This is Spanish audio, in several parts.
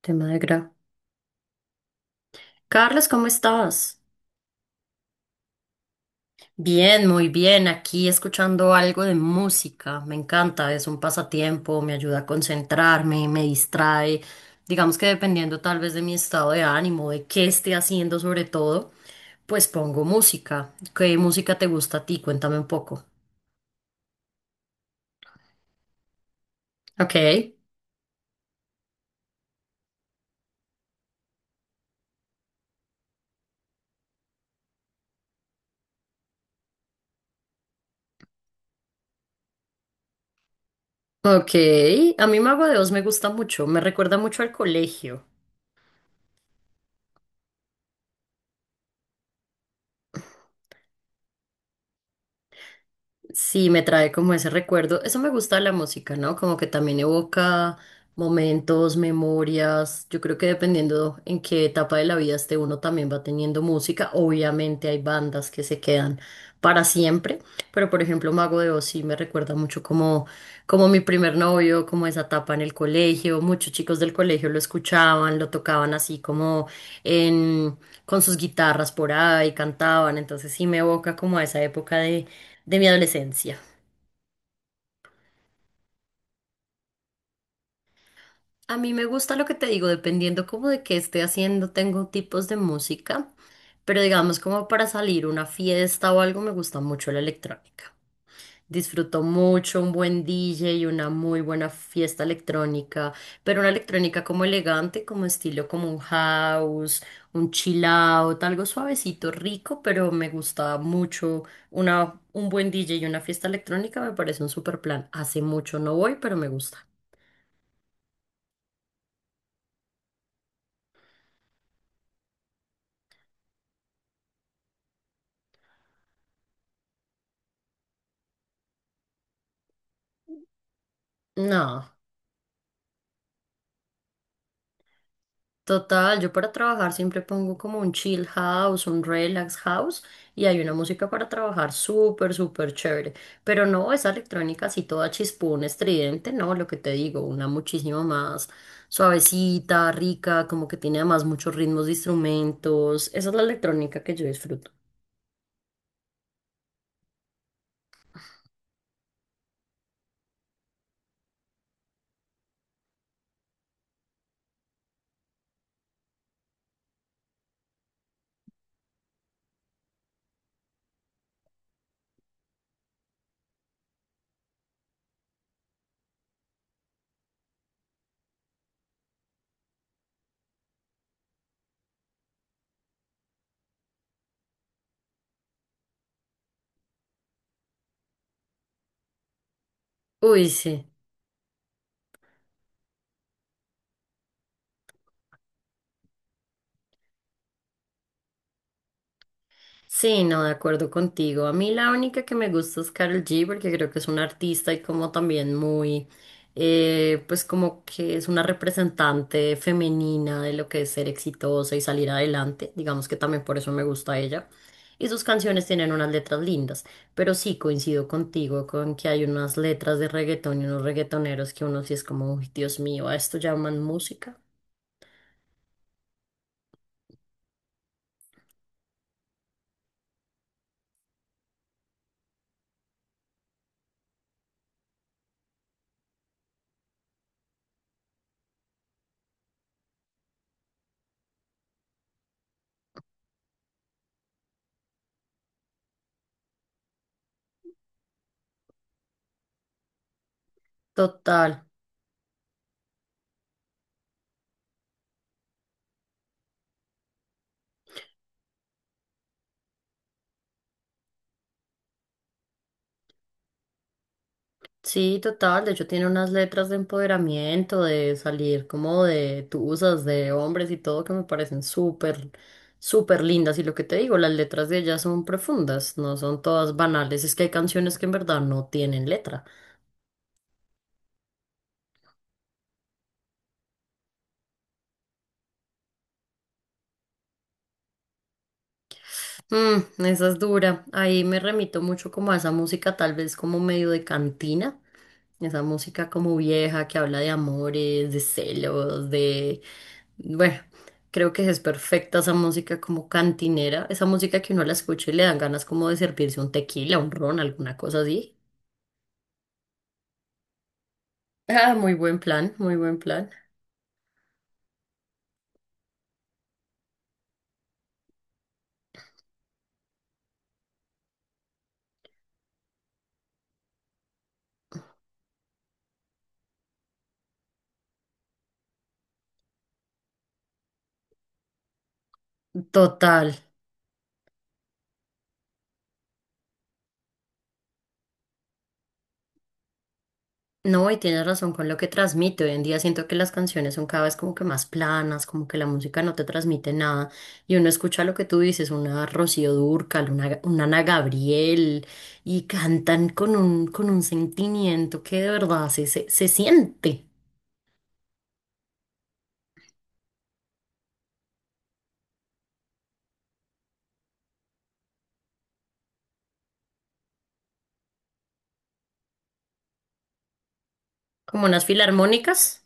Te me alegra. Carlos, ¿cómo estás? Bien, muy bien. Aquí escuchando algo de música. Me encanta, es un pasatiempo, me ayuda a concentrarme, me distrae. Digamos que dependiendo tal vez de mi estado de ánimo, de qué esté haciendo sobre todo, pues pongo música. ¿Qué música te gusta a ti? Cuéntame un poco. Ok, ok. A mí Mago de Oz me gusta mucho, me recuerda mucho al colegio. Sí, me trae como ese recuerdo. Eso me gusta de la música, ¿no? Como que también evoca momentos, memorias. Yo creo que dependiendo en qué etapa de la vida esté uno también va teniendo música. Obviamente hay bandas que se quedan para siempre, pero por ejemplo Mago de Oz sí me recuerda mucho como, como mi primer novio, como esa etapa en el colegio. Muchos chicos del colegio lo escuchaban, lo tocaban así como en, con sus guitarras por ahí, cantaban. Entonces sí me evoca como a esa época de mi adolescencia. A mí me gusta lo que te digo, dependiendo como de qué esté haciendo, tengo tipos de música, pero digamos como para salir a una fiesta o algo, me gusta mucho la electrónica. Disfruto mucho un buen DJ y una muy buena fiesta electrónica, pero una electrónica como elegante, como estilo como un house, un chill out, algo suavecito, rico, pero me gusta mucho una, un buen DJ y una fiesta electrónica, me parece un super plan. Hace mucho no voy, pero me gusta. No. Total, yo para trabajar siempre pongo como un chill house, un relax house y hay una música para trabajar súper, súper chévere. Pero no esa electrónica así toda chispón, estridente, no, lo que te digo, una muchísimo más suavecita, rica, como que tiene además muchos ritmos de instrumentos. Esa es la electrónica que yo disfruto. Uy, sí. Sí, no, de acuerdo contigo. A mí la única que me gusta es Karol G porque creo que es una artista y como también muy, pues como que es una representante femenina de lo que es ser exitosa y salir adelante. Digamos que también por eso me gusta ella. Y sus canciones tienen unas letras lindas, pero sí coincido contigo con que hay unas letras de reggaetón y unos reggaetoneros que uno sí es como, "Uy, Dios mío, ¿a esto llaman música? Total. Sí, total. De hecho, tiene unas letras de empoderamiento, de salir como de tusas, de hombres y todo que me parecen súper, súper lindas. Y lo que te digo, las letras de ella son profundas, no son todas banales. Es que hay canciones que en verdad no tienen letra. Mm, esa es dura. Ahí me remito mucho como a esa música, tal vez como medio de cantina. Esa música como vieja que habla de amores, de celos, de bueno, creo que es perfecta esa música como cantinera, esa música que uno la escucha y le dan ganas como de servirse un tequila, un ron, alguna cosa así. Ah, muy buen plan, muy buen plan. Total. No, y tienes razón con lo que transmite. Hoy en día siento que las canciones son cada vez como que más planas, como que la música no te transmite nada. Y uno escucha lo que tú dices, una Rocío Dúrcal, una Ana Gabriel, y cantan con un sentimiento que de verdad se siente. Como unas filarmónicas.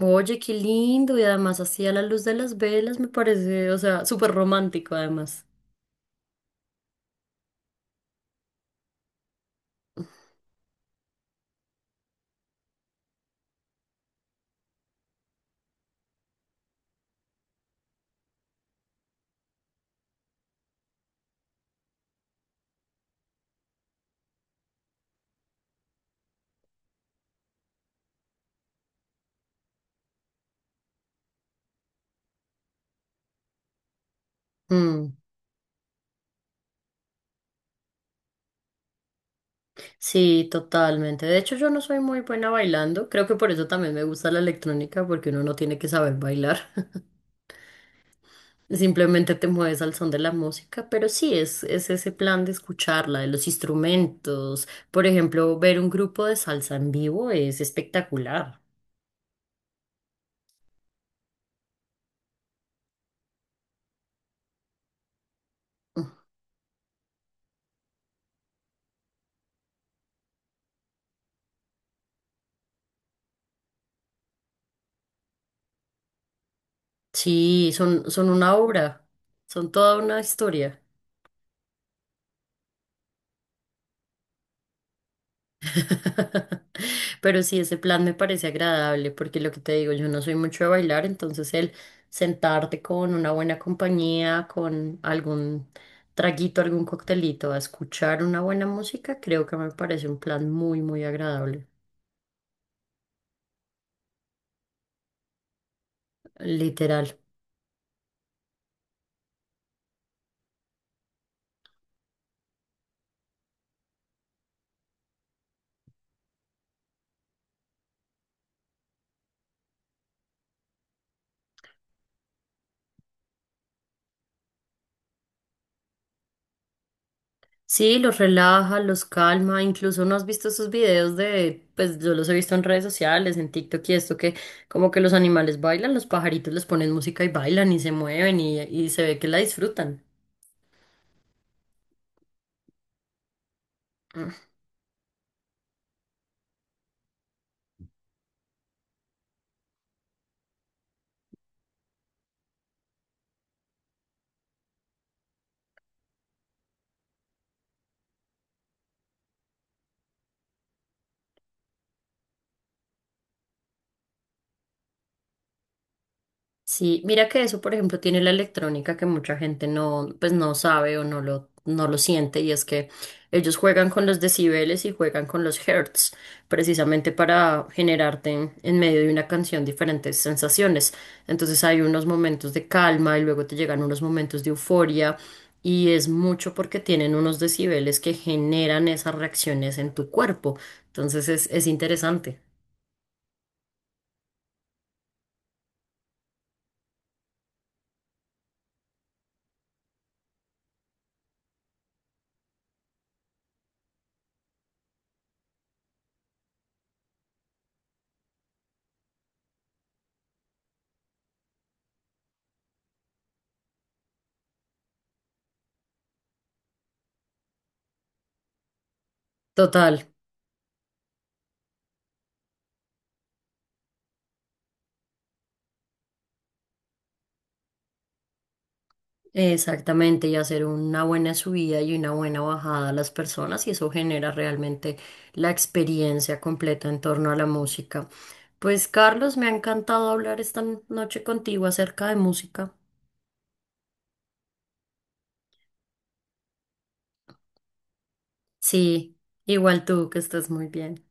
Oye, qué lindo, y además así a la luz de las velas me parece, o sea, súper romántico además. Mm, sí, totalmente. De hecho, yo no soy muy buena bailando, creo que por eso también me gusta la electrónica, porque uno no tiene que saber bailar, simplemente te mueves al son de la música, pero sí, es ese plan de escucharla, de los instrumentos. Por ejemplo, ver un grupo de salsa en vivo es espectacular. Mm, sí, son una obra, son toda una historia. Pero sí, ese plan me parece agradable porque lo que te digo, yo no soy mucho de bailar, entonces el sentarte con una buena compañía, con algún traguito, algún coctelito, a escuchar una buena música, creo que me parece un plan muy, muy agradable, literal. Sí, los relaja, los calma, incluso no has visto esos videos de, pues yo los he visto en redes sociales, en TikTok y esto que como que los animales bailan, los pajaritos les ponen música y bailan y se mueven y se ve que la disfrutan. Sí, mira que eso, por ejemplo, tiene la electrónica que mucha gente no, pues no sabe o no lo, no lo siente, y es que ellos juegan con los decibeles y juegan con los hertz, precisamente para generarte en medio de una canción diferentes sensaciones. Entonces hay unos momentos de calma y luego te llegan unos momentos de euforia, y es mucho porque tienen unos decibeles que generan esas reacciones en tu cuerpo. Entonces es interesante. Total. Exactamente, y hacer una buena subida y una buena bajada a las personas, y eso genera realmente la experiencia completa en torno a la música. Pues Carlos, me ha encantado hablar esta noche contigo acerca de música. Sí, igual tú, que estés muy bien.